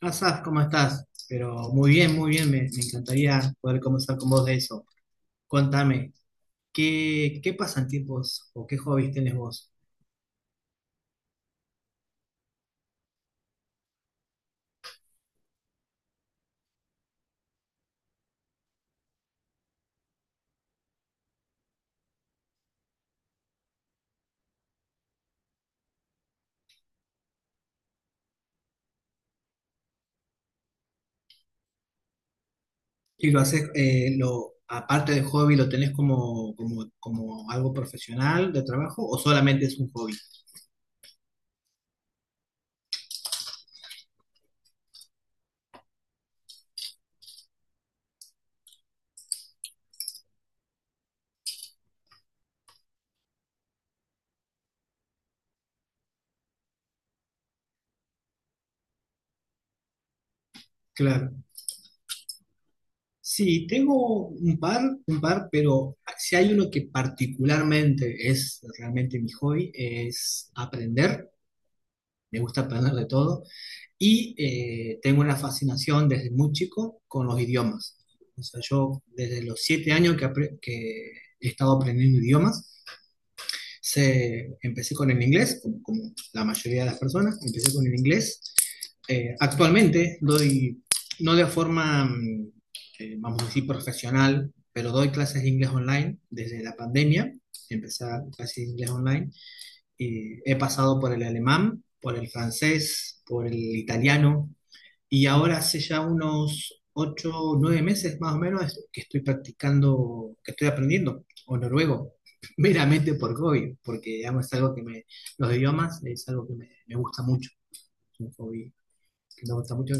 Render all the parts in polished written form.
Asaf, ¿cómo estás? Pero muy bien, me encantaría poder conversar con vos de eso. Contame, ¿qué pasatiempos o qué hobbies tenés vos? ¿Y lo haces, aparte de hobby, lo tenés como algo profesional de trabajo o solamente es un hobby? Claro. Sí, tengo un par, pero si hay uno que particularmente es realmente mi hobby, es aprender. Me gusta aprender de todo. Y tengo una fascinación desde muy chico con los idiomas. O sea, yo desde los 7 años que he estado aprendiendo idiomas, empecé con el inglés, como la mayoría de las personas, empecé con el inglés. Actualmente doy, no de forma, vamos a decir, profesional, pero doy clases de inglés online desde la pandemia. Empecé a dar clases de inglés online. Y he pasado por el alemán, por el francés, por el italiano, y ahora hace ya unos 8 o 9 meses más o menos que estoy practicando, que estoy aprendiendo, o noruego, meramente por hobby, porque digamos, es algo que me, los idiomas es algo que me gusta mucho, es un hobby que me gusta mucho.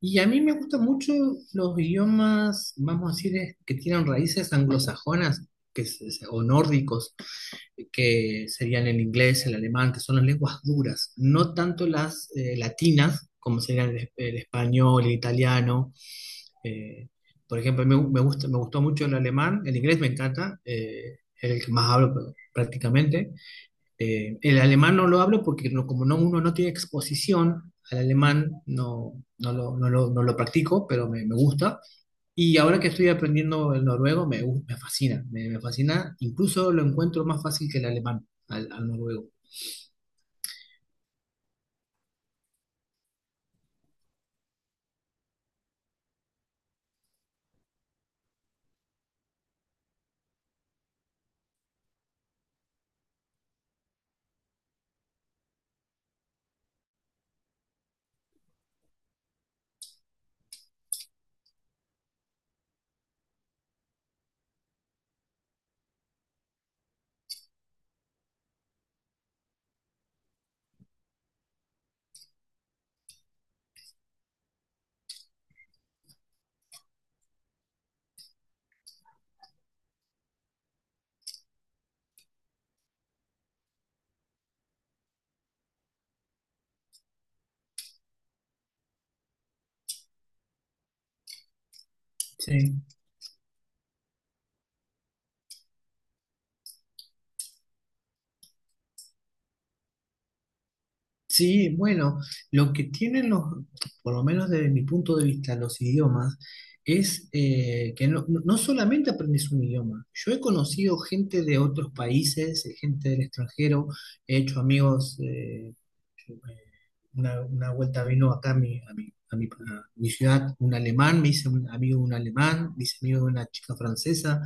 Y a mí me gustan mucho los idiomas, vamos a decir, que tienen raíces anglosajonas o nórdicos, que serían el inglés, el alemán, que son las lenguas duras, no tanto las latinas, como serían el español, el italiano. eh, por ejemplo, me gusta, me gustó mucho el alemán, el inglés me encanta, es el que más hablo prácticamente. El alemán no lo hablo porque como no, uno no tiene exposición al alemán, no lo practico, pero me gusta. Y ahora que estoy aprendiendo el noruego, me fascina, me fascina, incluso lo encuentro más fácil que el alemán, al noruego. Sí. Sí, bueno, lo que tienen los, por lo menos desde mi punto de vista, los idiomas, es que no solamente aprendes un idioma. Yo he conocido gente de otros países, gente del extranjero, he hecho amigos, yo, eh, una vuelta vino acá a mi, ciudad un alemán, me hice un amigo de un alemán, me hice amigo de una chica francesa,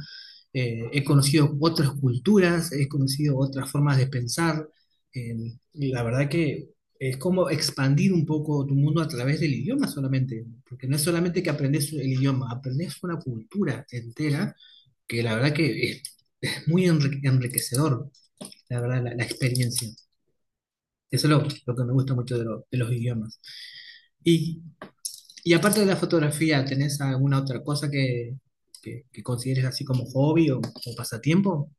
he conocido otras culturas, he conocido otras formas de pensar. Eh, y la verdad que es como expandir un poco tu mundo a través del idioma solamente, porque no es solamente que aprendes el idioma, aprendes una cultura entera que la verdad que es muy enriquecedor, la verdad, la experiencia. Eso es lo que me gusta mucho de los idiomas. Y, y aparte de la fotografía, ¿tenés alguna otra cosa que consideres así como hobby o pasatiempo?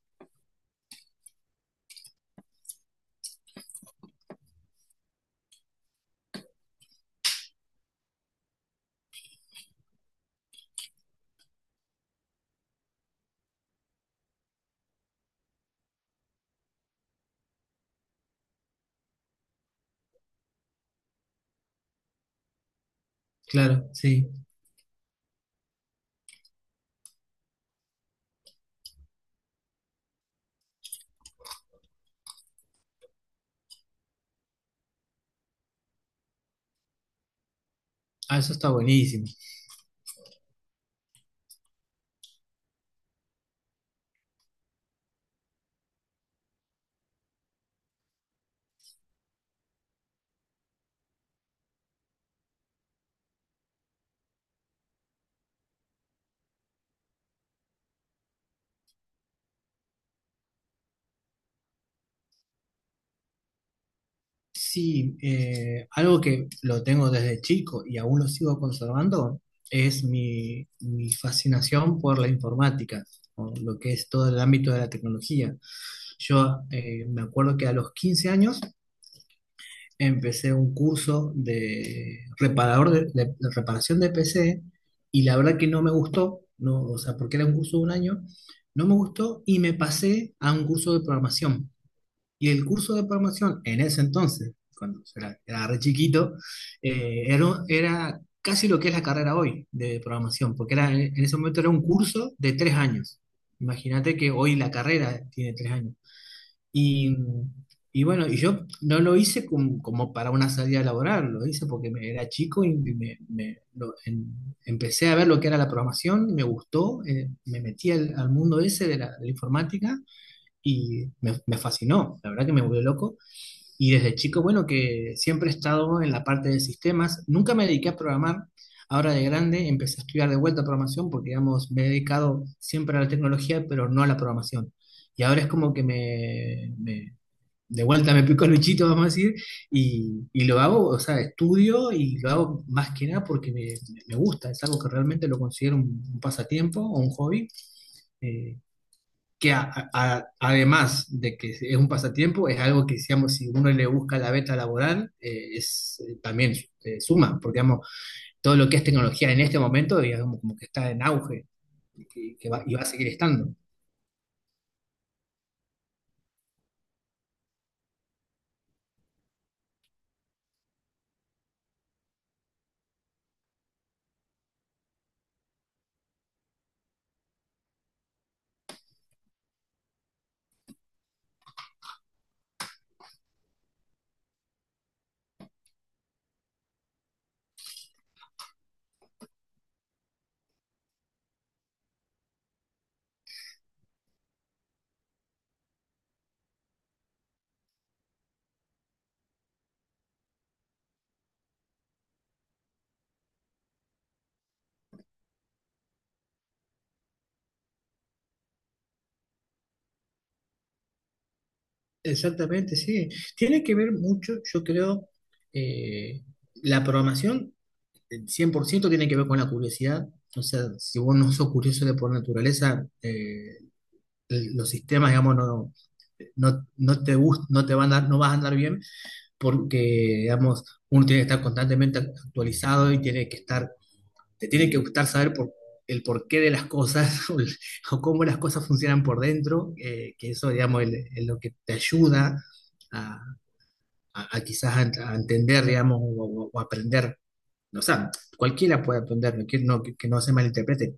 Claro, sí. Ah, eso está buenísimo. Sí, algo que lo tengo desde chico y aún lo sigo conservando es mi fascinación por la informática, por lo que es todo el ámbito de la tecnología. Yo me acuerdo que a los 15 años empecé un curso de, reparador de, de reparación de PC y la verdad que no me gustó, no, o sea, porque era un curso de un año, no me gustó y me pasé a un curso de programación. Y el curso de programación en ese entonces, cuando era re chiquito, era casi lo que es la carrera hoy de programación, porque era, en ese momento era un curso de 3 años. Imagínate que hoy la carrera tiene 3 años. Y, y bueno, y yo no lo hice como, para una salida laboral, lo hice porque era chico y empecé a ver lo que era la programación, me gustó, me metí al mundo ese de la informática y me fascinó, la verdad que me volvió loco. Y desde chico, bueno, que siempre he estado en la parte de sistemas, nunca me dediqué a programar. Ahora de grande empecé a estudiar de vuelta programación porque, digamos, me he dedicado siempre a la tecnología, pero no a la programación. Y ahora es como que de vuelta me pico el bichito, vamos a decir, y lo hago, o sea, estudio y lo hago más que nada porque me gusta, es algo que realmente lo considero un pasatiempo o un hobby. Eh, que además de que es un pasatiempo, es algo que, digamos, si uno le busca la beta laboral, es, también suma, porque, digamos, todo lo que es tecnología en este momento, digamos, como que está en auge y va a seguir estando. Exactamente, sí. Tiene que ver mucho, yo creo, eh, la programación, el 100% tiene que ver con la curiosidad. O sea, si vos no sos curioso de por naturaleza, los sistemas, digamos, no, no, no te gust- no te van a, no vas a andar bien porque, digamos, uno tiene que estar constantemente actualizado y te tiene que gustar saber el porqué de las cosas o cómo las cosas funcionan por dentro, que eso, digamos, es lo que te ayuda a, a quizás a entender, digamos, o aprender. O sea, cualquiera puede aprender, no, que no se malinterprete,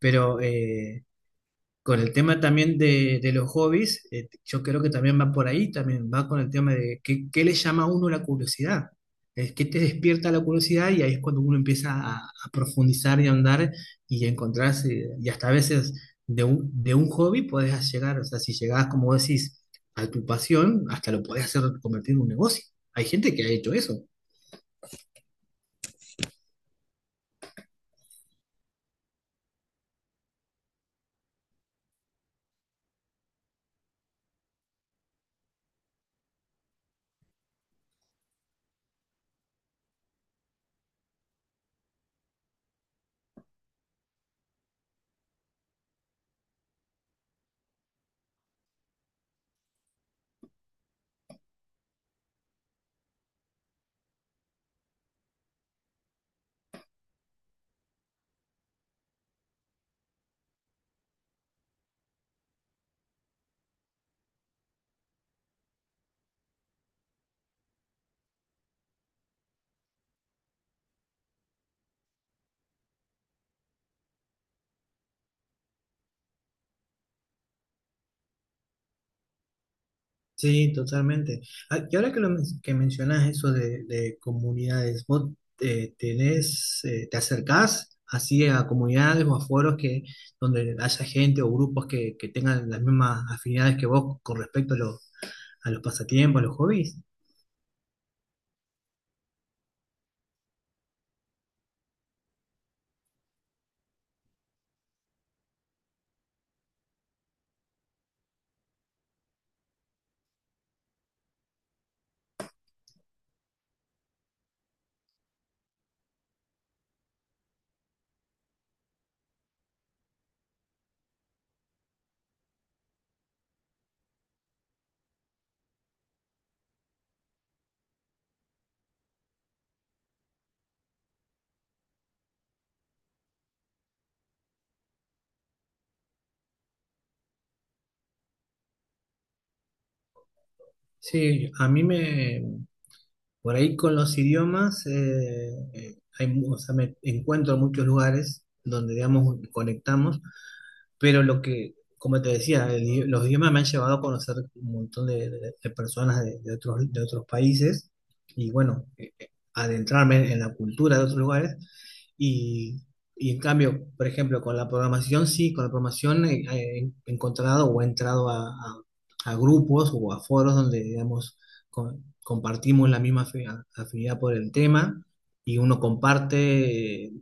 pero con el tema también de los hobbies, yo creo que también va por ahí, también va con el tema de qué le llama a uno la curiosidad, es qué te despierta la curiosidad y ahí es cuando uno empieza a profundizar y a ahondar y a encontrarse, y hasta a veces de un hobby podés llegar, o sea, si llegás, como decís, a tu pasión, hasta lo podés hacer convertir en un negocio. Hay gente que ha hecho eso. Sí, totalmente. Ah, y ahora que mencionas eso de comunidades, ¿vos te acercás así a comunidades o a foros donde haya gente o grupos que tengan las mismas afinidades que vos con respecto a los pasatiempos, a los hobbies? Sí, a mí por ahí con los idiomas, o sea, me encuentro en muchos lugares donde, digamos, conectamos. Pero lo que, como te decía, los idiomas me han llevado a conocer un montón de personas de otros países y bueno, adentrarme en la cultura de otros lugares. Y, y en cambio, por ejemplo, con la programación, sí, con la programación he, encontrado o he entrado a grupos o a foros donde, digamos, compartimos la misma afinidad por el tema y uno comparte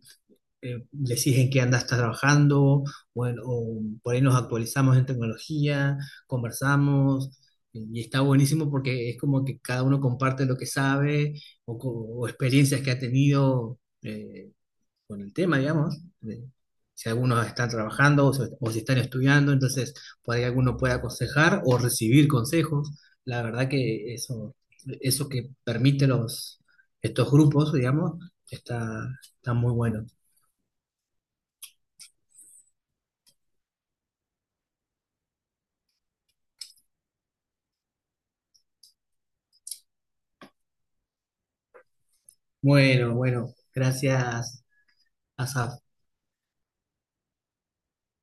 les dije qué anda estás trabajando, bueno, o por ahí nos actualizamos en tecnología, conversamos, y está buenísimo porque es como que cada uno comparte lo que sabe o experiencias que ha tenido con el tema, digamos, si algunos están trabajando o si están estudiando, entonces por ahí alguno puede aconsejar o recibir consejos. La verdad que eso, que permite estos grupos, digamos, está, está muy bueno. Bueno, bueno, gracias, Asaf.